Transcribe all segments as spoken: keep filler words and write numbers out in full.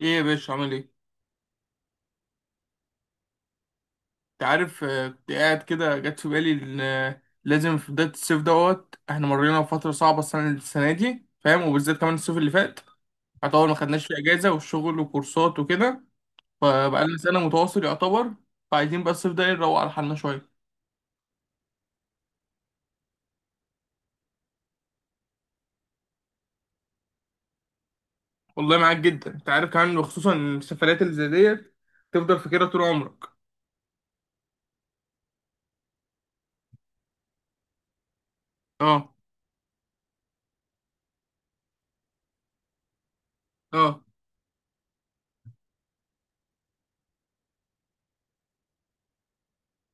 ايه يا باشا عامل ايه؟ انت عارف، آه، كنت قاعد كده جت في بالي ان، آه، لازم في بداية الصيف دوت احنا مرينا بفترة صعبة. السنة السنة دي فاهم، وبالذات كمان الصيف اللي فات يعتبر ما خدناش فيه اجازة، والشغل وكورسات وكده. فبقالنا سنة متواصل يعتبر. فعايزين بقى الصيف ده نروق على حالنا شوية. والله معاك جدا. انت عارف كمان، وخصوصا إن السفرات اللي زي ديت تفضل فاكرها طول عمرك. اه. اه،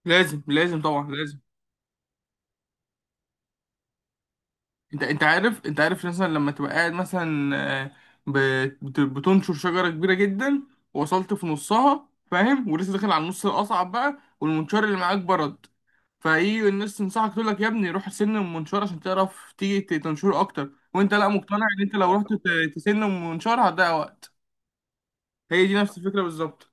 لازم لازم طبعا لازم. انت انت عارف انت عارف مثلا لما تبقى قاعد مثلا، آه، بت- بت- بتنشر شجره كبيره جدا. وصلت في نصها فاهم، ولسه داخل على النص الاصعب بقى، والمنشار اللي معاك برد. فايه الناس تنصحك تقول لك يا ابني روح سن المنشار عشان تعرف تيجي ت- تنشره اكتر، وانت لا مقتنع ان انت لو رحت ت- تسن المنشار هتضيع وقت. هي دي نفس الفكره بالظبط.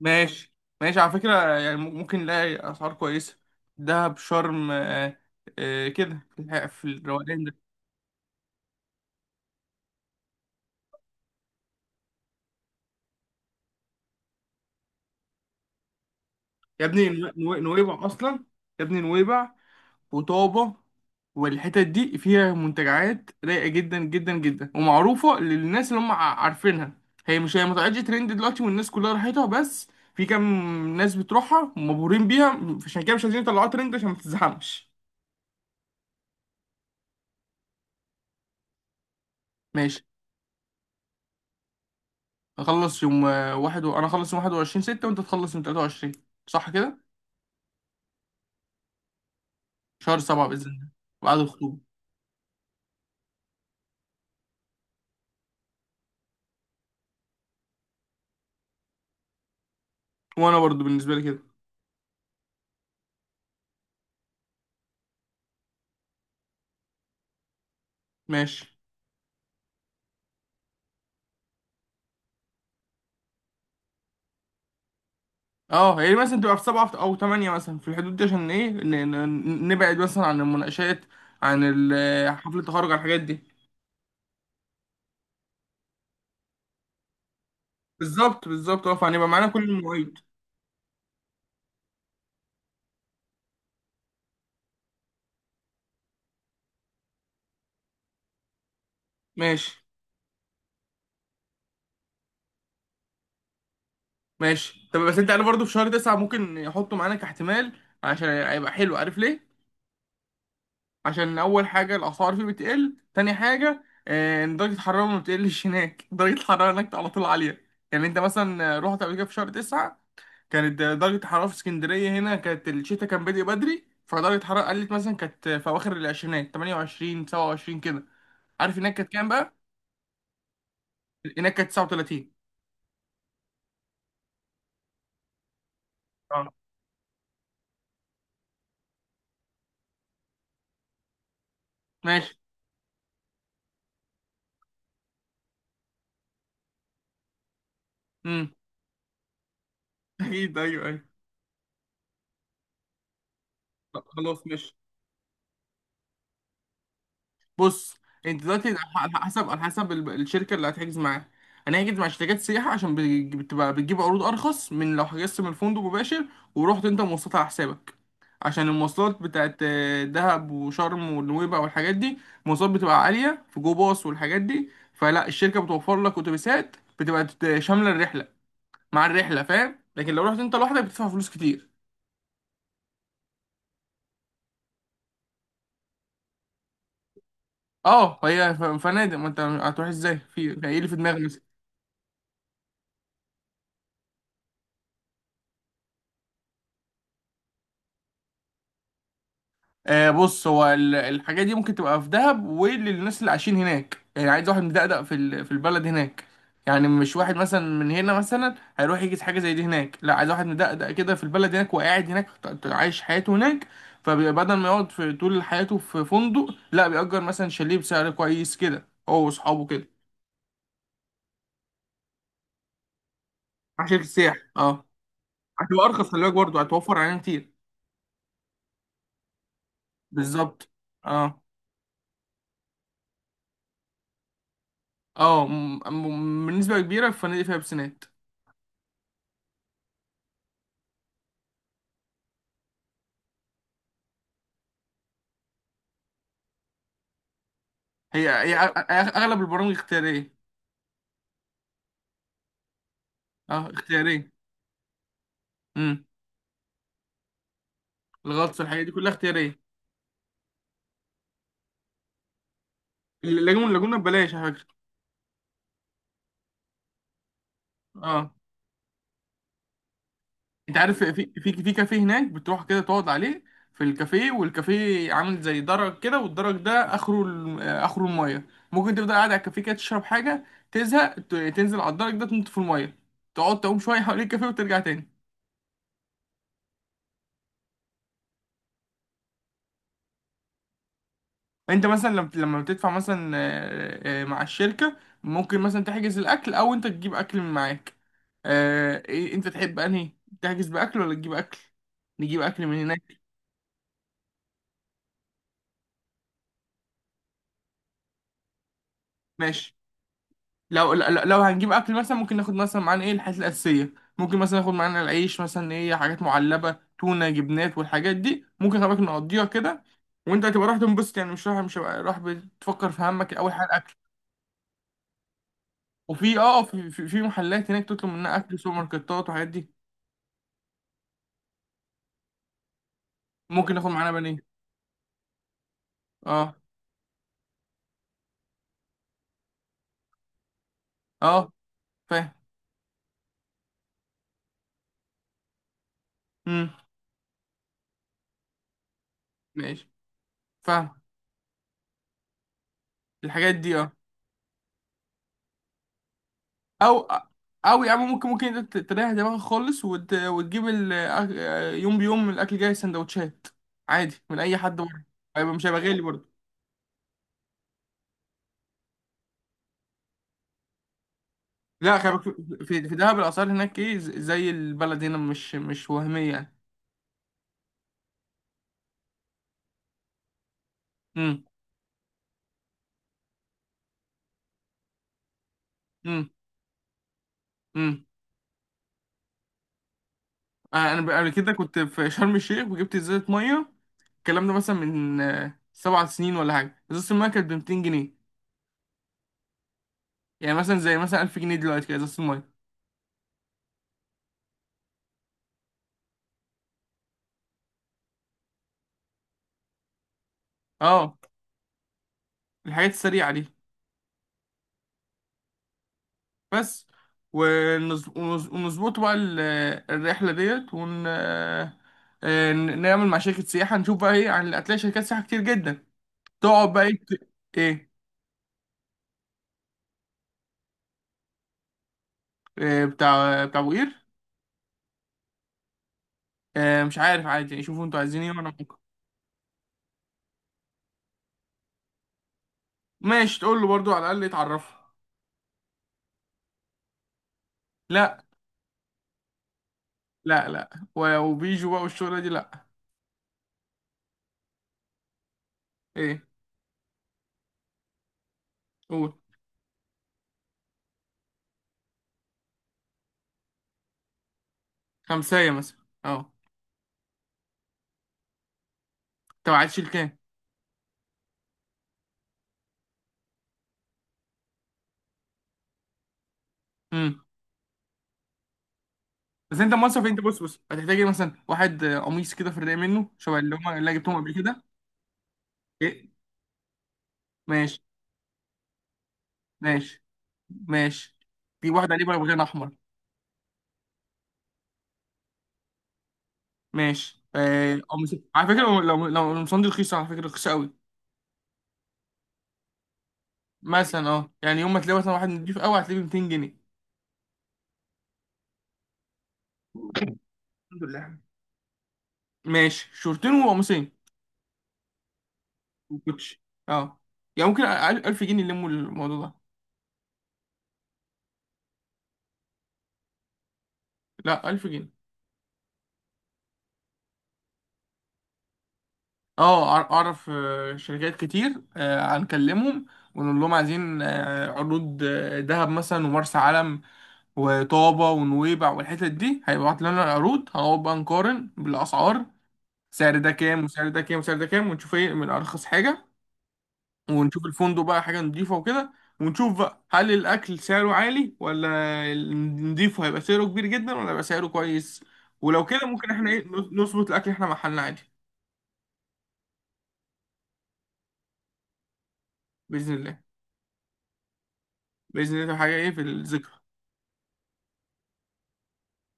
ماشي. ماشي على فكره، يعني مم- ممكن نلاقي اسعار كويسه. دهب شرم، آه، آه، كده في الح- في الروقان. يا ابني نو- نو- نويبع اصلا. يا ابني نويبع وطابة والحتت دي فيها منتجعات رايقة جدا جدا جدا، ومعروفة للناس اللي هم ع- عارفينها. هي مش هي ما طلعتش ترند دلوقتي والناس كلها راحتها، بس في كام ناس بتروحها مبهورين بيها. عشان كده مش عايزين يطلعوها ترند عشان ما تتزحمش. ماشي. اخلص يوم، آه، واحد و... انا اخلص يوم واحد وعشرين ستة ستة، وانت تخلص يوم تلاتة وعشرين، صح كده؟ شهر سبعة بإذن الله. بعد الخطوبة. وانا برضو بالنسبة لي كده. ماشي. اه يعني مثلا تبقى في سبعة او تمانية، مثلا في الحدود دي، عشان ايه ن- ن- نبعد مثلا عن المناقشات، عن ال- آه، حفلة التخرج، عن الحاجات دي. بالظبط بالظبط، اه، فهنبقى معانا كل المواعيد. ماشي. ماشي، طب بس انت عارف برضه في شهر تسعة ممكن يحطوا معانا كاحتمال، عشان هيبقى حلو. عارف ليه؟ عشان أول حاجة الأسعار فيه بتقل، تاني حاجة، آه، إن درجة الحرارة ما بتقلش هناك. درجة الحرارة هناك على طول عالية. يعني أنت مثلا رحت قبل كده في شهر تسعة، كانت درجة الحرارة في اسكندرية هنا، كانت الشتاء كان بادئ بدري، فدرجة الحرارة قلت مثلا كانت في أواخر العشرينات، ثمانية وعشرين سبعة وعشرين كده. عارف هناك كانت كام بقى؟ هناك كانت تسعة وتلاتين. اه. ماشي. امم. أكيد، أيوه أيوه. طب خلاص ماشي. بص، انت دلوقتي على حسب، على حسب ال- الشركه اللي هتحجز معاها. انا هحجز مع شركات سياحه عشان بتج- بتبقى بتجيب عروض ارخص من لو حجزت من الفندق مباشر، ورحت انت مواصلات على حسابك. عشان المواصلات بتاعت، آه، دهب وشرم ونويبع والحاجات دي، المواصلات بتبقى عاليه في جو باص والحاجات دي. فلا، الشركه بتوفر لك اتوبيسات بتبقى تت- شامله الرحله، مع الرحله فاهم. لكن لو رحت انت لوحدك بتدفع فلوس كتير. اه، هي ف- فنادق. ما انت هتروح ازاي؟ في يعني ايه اللي في دماغك؟ آه بص، هو ال- الحاجات دي ممكن تبقى في دهب، وللناس اللي عايشين هناك. يعني عايز واحد مدقدق في ال- في البلد هناك، يعني مش واحد مثلا من هنا مثلا هيروح يجي حاجه زي دي هناك. لا، عايز واحد مدقدق كده في البلد هناك، وقاعد هناك ط- ط- عايش حياته هناك. فبدل ما يقعد في طول حياته في فندق، لا، بيأجر مثلا شاليه بسعر كويس كده هو واصحابه كده. مع شركه سياحه، اه. هتبقى ارخص، خلي بالك برضه، هتوفر علينا كتير. بالظبط. اه. اه م- م- بالنسبه كبيره في فنادق فيها بسنات. هي هي أغ- أغ- اغلب البرامج اختياريه. اه اختياريه. امم. الغطس، الحاجه دي كلها اختياريه. اللاجون، اللاجونه ببلاش على فكره. اه. انت عارف في، في في كافيه هناك بتروح كده تقعد عليه. في الكافيه، والكافيه عامل زي درج كده، والدرج ده اخره ال- آه، اخره الميه. ممكن تفضل قاعد على الكافيه كده تشرب حاجه، تزهق ت- تنزل على الدرج ده تنط في الميه، تقعد تعوم شويه حوالين الكافيه وترجع تاني. انت مثلا لم- لما بتدفع مثلا، آه، آه، مع الشركة، ممكن مثلا تحجز الأكل، أو انت تجيب أكل من معاك. آه، إيه- انت تحب أنهي؟ تحجز بأكل ولا تجيب أكل؟ نجيب أكل من هناك. ماشي. لو لو لو هنجيب أكل، مثلا ممكن ناخد مثلا معانا ايه، الحاجات الأساسية. ممكن مثلا ناخد معانا العيش، مثلا ايه، حاجات معلبة، تونة، جبنات والحاجات دي، ممكن. خلي بالك نقضيها كده، وانت هتبقى رايح تنبسط، يعني مش رايح، مش هبقى رايح بتفكر في همك، أول حاجة الأكل. وفي اه، آه، في في في محلات هناك تطلب منها أكل، سوبر ماركتات وحاجات دي. ممكن ناخد معانا بانيه. اه. اه فاهم. امم. ماشي. فاهم. الحاجات دي اه. او، او يا عم، ممكن ممكن انت ت- تريح دماغك خالص، وت... وتجيب ال... أك- يوم بيوم الاكل جاي سندوتشات عادي من اي حد بره. هيبقى، مش هيبقى غالي برضه. لا خلي بالك، في في دهب الاسعار هناك ايه، ز- زي البلد هنا، مش مش وهميه يعني. امم. امم. امم. انا ب- قبل كده كنت في شرم الشيخ وجبت ازازه ميه، الكلام ده مثلا من، آه، سبع سنين ولا حاجه، ازازه الميه كانت ب ميتين جنيه. يعني مثلا زي مثلا ألف جنيه دلوقتي كده ازازة المية. اه، الحاجات السريعة دي بس. ونز- ونز- ونظبط بقى ال- الرحلة ديت، ون آه، ن- نعمل مع شركة سياحة، نشوف بقى ايه. يعني هتلاقي شركات سياحة كتير جدا، تقعد بقى ايه ت- ايه. آه، بتاع بتاع ابو قير، آه، مش عارف عادي يعني، شوفوا انتوا عايزين ايه وانا ممكن. ماشي تقول له برضو، على الأقل يتعرفوا. لا لا. لا، و- وبيجوا بقى والشغلة دي، لا. ايه. قول. خمسة مثلا، اه. انت عايز تشيل كام؟ بس انت مصرف. انت بص بص هتحتاج ايه؟ مثلا واحد، آه، قميص كده في الرقاق منه شبه اللي هم اللي أنا جبتهم قبل كده. ايه. ماشي. ماشي. ماشي. تجيب واحد عليه بغيان احمر. ماشي. آه قميص على فكره، لو لو لو القمصان دي رخيصه على فكره، رخيصه قوي. مثلا اه، يعني يوم ما تلاقي مثلا واحد نضيف قوي هتلاقيه ب مائتين جنيه. الحمد لله. ماشي، شورتين وقميصين وكوتش. اه يعني ممكن أقل- ألف جنيه يلموا الموضوع ده. لا ألف جنيه. اه أع- اعرف، آه، شركات كتير. آه، هنكلمهم ونقول لهم عايزين، آه، عروض، آه، دهب مثلا، ومرسى علم وطابة ونويبع والحتت دي. هيبعت لنا العروض، هنقعد بقى نقارن بالاسعار، سعر ده كام وسعر ده كام وسعر ده كام، ونشوف ايه من ارخص حاجة. ونشوف الفندق بقى حاجة نضيفة وكده، ونشوف بقى هل الاكل سعره عالي، ولا النضيف هيبقى سعره كبير جدا، ولا هيبقى سعره كويس. ولو كده ممكن احنا ايه، نظبط الاكل احنا محلنا عادي. بإذن الله. بإذن الله. حاجة إيه في الذكرى.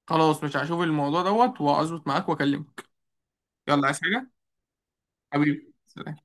خلاص مش هشوف الموضوع دوت واظبط معاك واكلمك. يلا عايز حاجة؟ حبيبي سلام.